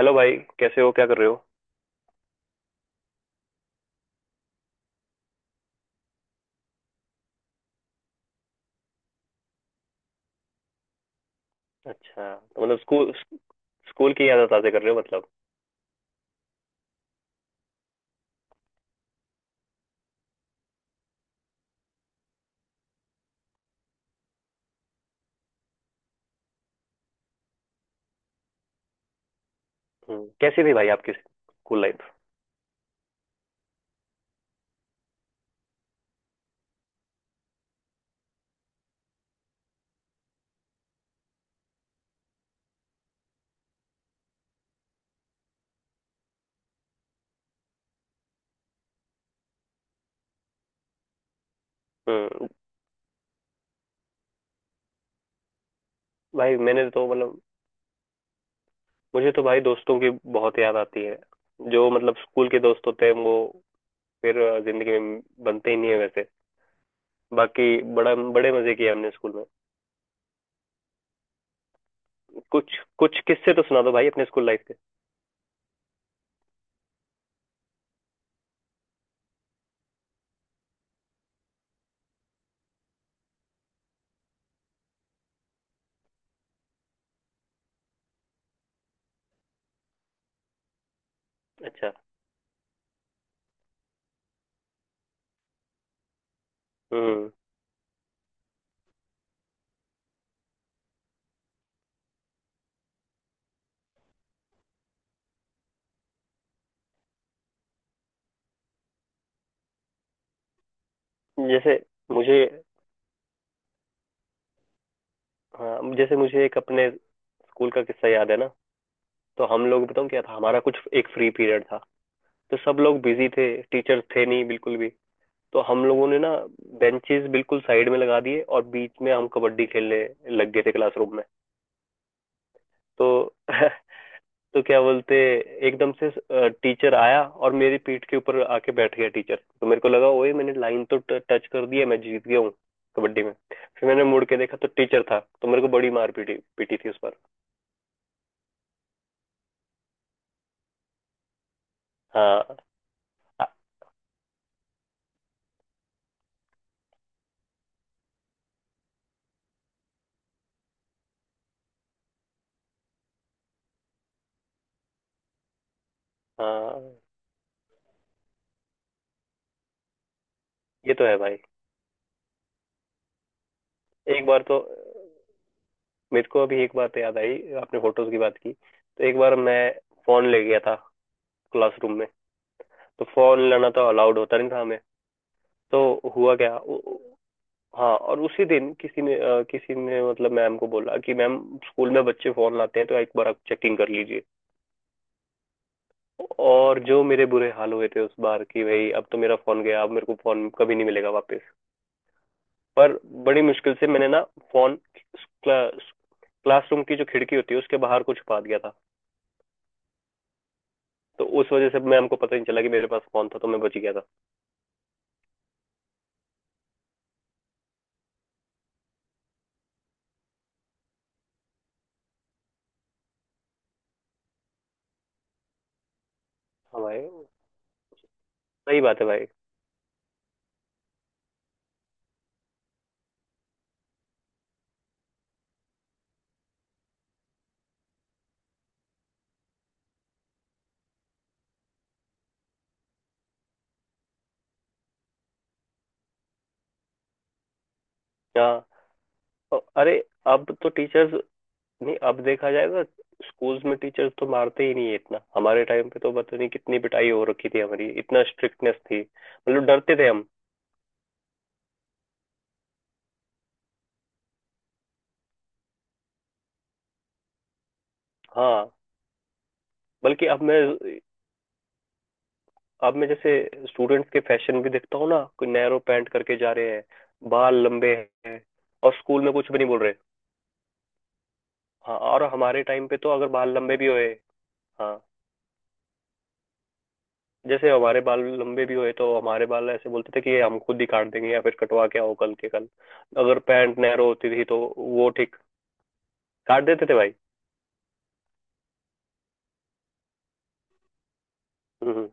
Hello भाई। कैसे हो, क्या कर रहे हो? अच्छा, तो मतलब स्कूल स्कूल की यादें ताज़ा कर रहे हो मतलब। कैसी थी भाई आपकी स्कूल लाइफ? हम्म, भाई मैंने तो मतलब मुझे तो भाई दोस्तों की बहुत याद आती है। जो मतलब स्कूल के दोस्त होते हैं वो फिर जिंदगी में बनते ही नहीं है वैसे। बाकी बड़ा बड़े मजे किए हमने स्कूल में। कुछ कुछ किस्से तो सुना दो भाई अपने स्कूल लाइफ के। अच्छा। हम्म। जैसे मुझे हाँ, जैसे मुझे एक अपने स्कूल का किस्सा याद है ना। तो हम लोग, बताऊँ क्या था हमारा? कुछ एक फ्री पीरियड था। तो सब लोग बिजी थे, टीचर थे नहीं बिल्कुल भी। तो हम लोगों ने ना बेंचेस बिल्कुल साइड में लगा दिए और बीच में हम कबड्डी खेलने लग गए थे क्लासरूम में। तो तो क्या बोलते, एकदम से टीचर आया और मेरी पीठ के ऊपर आके बैठ गया टीचर। तो मेरे को लगा ओए, मैंने लाइन तो टच कर दी है, मैं जीत गया हूँ कबड्डी में। फिर मैंने मुड़ के देखा तो टीचर था, तो मेरे को बड़ी मार पीटी पीटी थी उस पर। हाँ। हाँ, ये तो है भाई। एक बार तो मेरे को अभी एक बात याद आई। आपने फोटोज की बात की तो एक बार मैं फोन ले गया था क्लासरूम में। तो फोन लेना तो अलाउड होता नहीं था हमें। तो हुआ क्या, हाँ, और उसी दिन किसी ने किसी ने मतलब मैम को बोला कि मैम स्कूल में बच्चे फोन लाते हैं, तो एक बार आप चेकिंग कर लीजिए। और जो मेरे बुरे हाल हुए थे उस बार कि भाई अब तो मेरा फोन गया, अब मेरे को फोन कभी नहीं मिलेगा वापस। पर बड़ी मुश्किल से मैंने ना फोन, क्लास क्लासरूम की जो खिड़की होती है उसके बाहर को छुपा दिया था। तो उस वजह से मैम को पता नहीं चला कि मेरे पास फोन था, तो मैं बच गया था। हाँ भाई। सही बात है भाई। हाँ। अरे, अब तो टीचर्स, नहीं, अब देखा जाएगा स्कूल्स में टीचर्स तो मारते ही नहीं है इतना। हमारे टाइम पे तो पता नहीं कितनी पिटाई हो रखी थी हमारी, इतना स्ट्रिक्टनेस थी मतलब डरते थे हम। हाँ। बल्कि अब मैं जैसे स्टूडेंट्स के फैशन भी देखता हूँ ना, कोई नैरो पैंट करके जा रहे हैं, बाल लंबे हैं, और स्कूल में कुछ भी नहीं बोल रहे। हाँ, और हमारे टाइम पे तो अगर बाल लंबे भी होए, हाँ, जैसे हमारे बाल लंबे भी हुए तो हमारे बाल ऐसे बोलते थे कि ये हम खुद ही काट देंगे या फिर कटवा के आओ कल के कल। अगर पैंट नैरो होती थी तो वो ठीक काट देते थे भाई। हम्म, हम्म।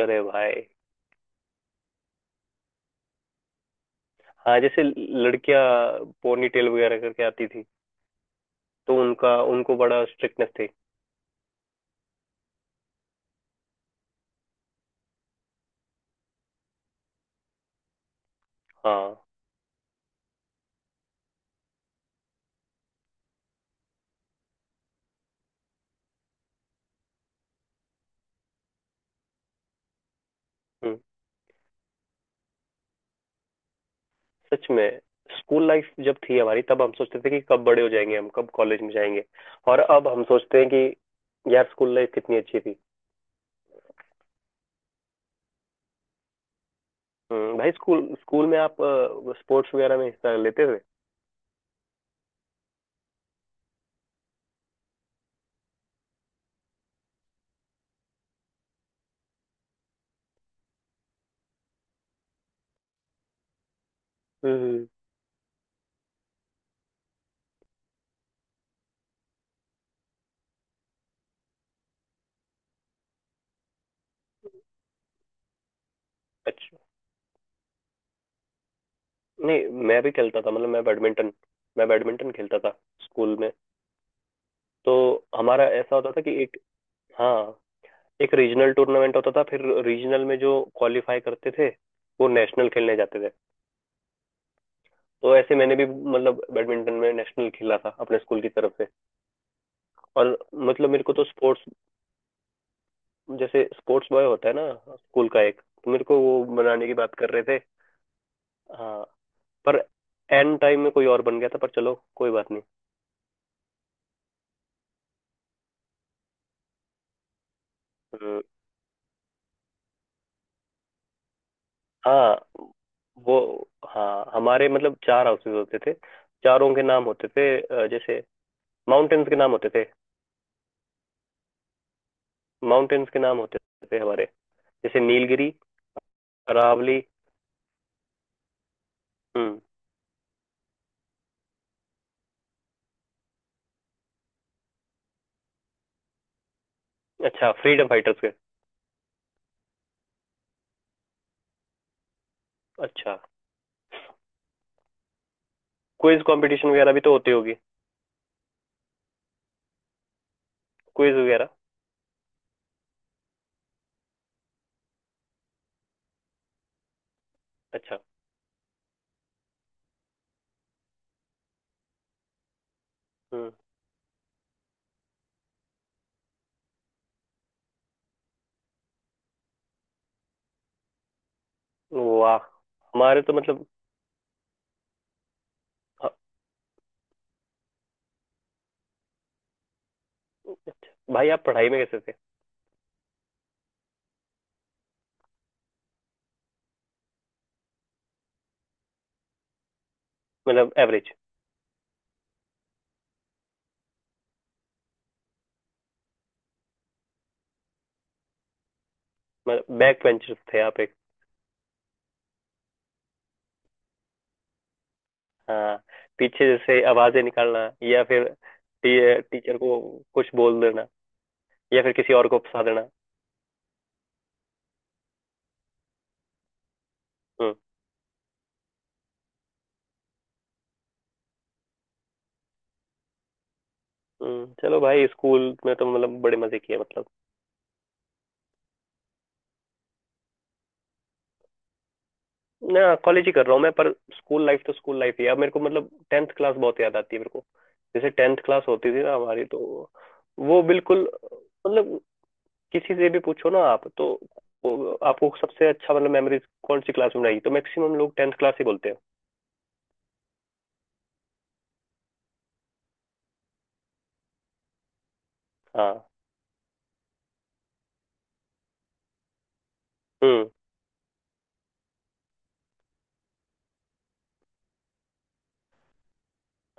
अरे भाई। हाँ, जैसे लड़कियां पोनी टेल वगैरह करके आती थी, तो उनका, उनको बड़ा स्ट्रिक्टनेस थी। हाँ। हम्म, सच में। स्कूल लाइफ जब थी हमारी तब हम सोचते थे कि कब बड़े हो जाएंगे हम, कब कॉलेज में जाएंगे, और अब हम सोचते हैं कि यार स्कूल लाइफ कितनी अच्छी थी। भाई स्कूल स्कूल में आप स्पोर्ट्स वगैरह में हिस्सा लेते थे? हम्म। अच्छा, नहीं, मैं भी खेलता था। मतलब मैं बैडमिंटन खेलता था स्कूल में। तो हमारा ऐसा होता था कि एक, हाँ, एक रीजनल टूर्नामेंट होता था, फिर रीजनल में जो क्वालिफाई करते थे वो नेशनल खेलने जाते थे। तो ऐसे मैंने भी मतलब बैडमिंटन में नेशनल खेला था अपने स्कूल की तरफ से। और मतलब मेरे को तो स्पोर्ट्स, जैसे स्पोर्ट्स बॉय होता है ना स्कूल का एक, तो मेरे को वो बनाने की बात कर रहे थे। हाँ। पर एंड टाइम में कोई और बन गया था, पर चलो कोई बात नहीं। हम्म। हाँ। वो, हाँ, हमारे मतलब चार हाउसेस होते थे, चारों के नाम होते थे जैसे माउंटेन्स के नाम होते थे। माउंटेन्स के नाम होते थे हमारे, जैसे नीलगिरी, अरावली। हम्म। अच्छा, फ्रीडम फाइटर्स के। अच्छा। क्विज कंपटीशन वगैरह भी तो होती होगी? क्विज वगैरह। अच्छा। हम्म। वाह। हमारे तो मतलब, ह- भाई, आप पढ़ाई में कैसे थे? मतलब एवरेज? मतलब बैक बेंचर्स थे आप? हाँ, पीछे जैसे आवाजें निकालना, या फिर टीचर को कुछ बोल देना, या फिर किसी और को फंसा देना। हम्म। चलो भाई स्कूल में तो मतलब बड़े मजे किए मतलब। ना, कॉलेज ही कर रहा हूँ मैं, पर स्कूल लाइफ तो स्कूल लाइफ ही है। अब मेरे को मतलब टेंथ क्लास बहुत याद आती है मेरे को। जैसे टेंथ क्लास होती थी ना हमारी, तो वो बिल्कुल मतलब, किसी से भी पूछो ना आप तो, वो आपको सबसे अच्छा मतलब मेमोरीज कौन सी क्लास में बनाई, तो मैक्सिमम लोग टेंथ क्लास ही बोलते हैं। हाँ। हम्म।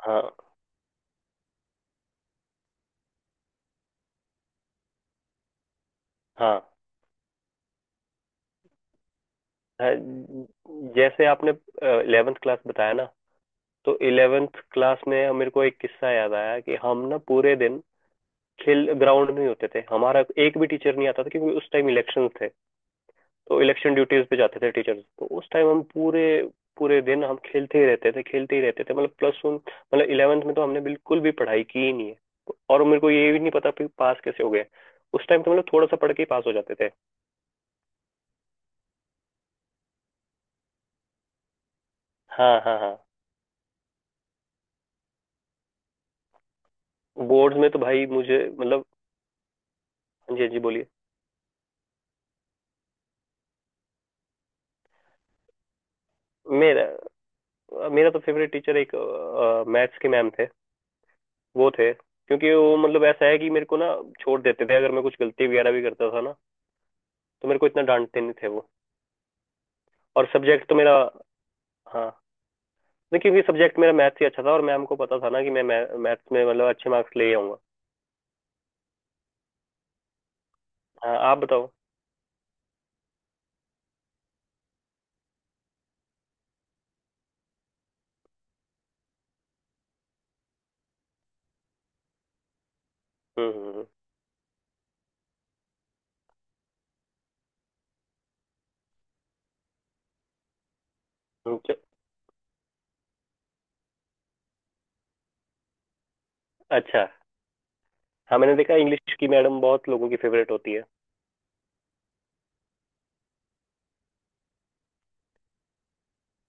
हाँ। हाँ, हाँ, जैसे आपने इलेवेंथ क्लास बताया ना, तो इलेवेंथ क्लास में मेरे को एक किस्सा याद आया कि हम ना पूरे दिन खेल ग्राउंड में ही होते थे, हमारा एक भी टीचर नहीं आता था क्योंकि उस टाइम इलेक्शन थे। तो इलेक्शन ड्यूटीज पे जाते थे टीचर्स, तो उस टाइम हम पूरे पूरे दिन हम खेलते ही रहते थे, खेलते ही रहते थे। मतलब प्लस वन मतलब इलेवेंथ में तो हमने बिल्कुल भी पढ़ाई की ही नहीं है, और मेरे को ये भी नहीं पता कि पास कैसे हो गए। उस टाइम तो मतलब थोड़ा सा पढ़ के ही पास हो जाते थे। हाँ, हाँ, हाँ। बोर्ड्स में तो भाई मुझे मतलब, हाँ जी, हाँ जी, बोलिए। मेरा मेरा तो फेवरेट टीचर एक मैथ्स के मैम थे। वो थे क्योंकि वो मतलब ऐसा है कि मेरे को ना छोड़ देते थे, अगर मैं कुछ गलती वगैरह भी करता था ना, तो मेरे को इतना डांटते नहीं थे वो। और सब्जेक्ट तो मेरा, हाँ, नहीं, क्योंकि सब्जेक्ट मेरा मैथ्स ही अच्छा था और मैम को पता था ना कि मैं मैथ्स में मतलब अच्छे मार्क्स ले आऊंगा। हाँ, आप बताओ। हम्म, हम्म। हम्म, च- अच्छा। हाँ, मैंने देखा इंग्लिश की मैडम बहुत लोगों की फेवरेट होती है।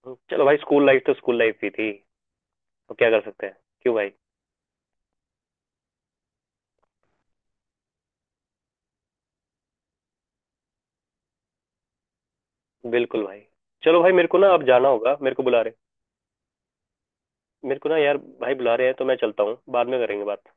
चलो भाई स्कूल लाइफ तो स्कूल लाइफ ही थी, तो क्या कर सकते हैं? क्यों भाई। बिल्कुल भाई। चलो भाई, मेरे को ना अब जाना होगा, मेरे को बुला रहे। मेरे को ना यार, भाई बुला रहे हैं, तो मैं चलता हूँ, बाद में करेंगे बात।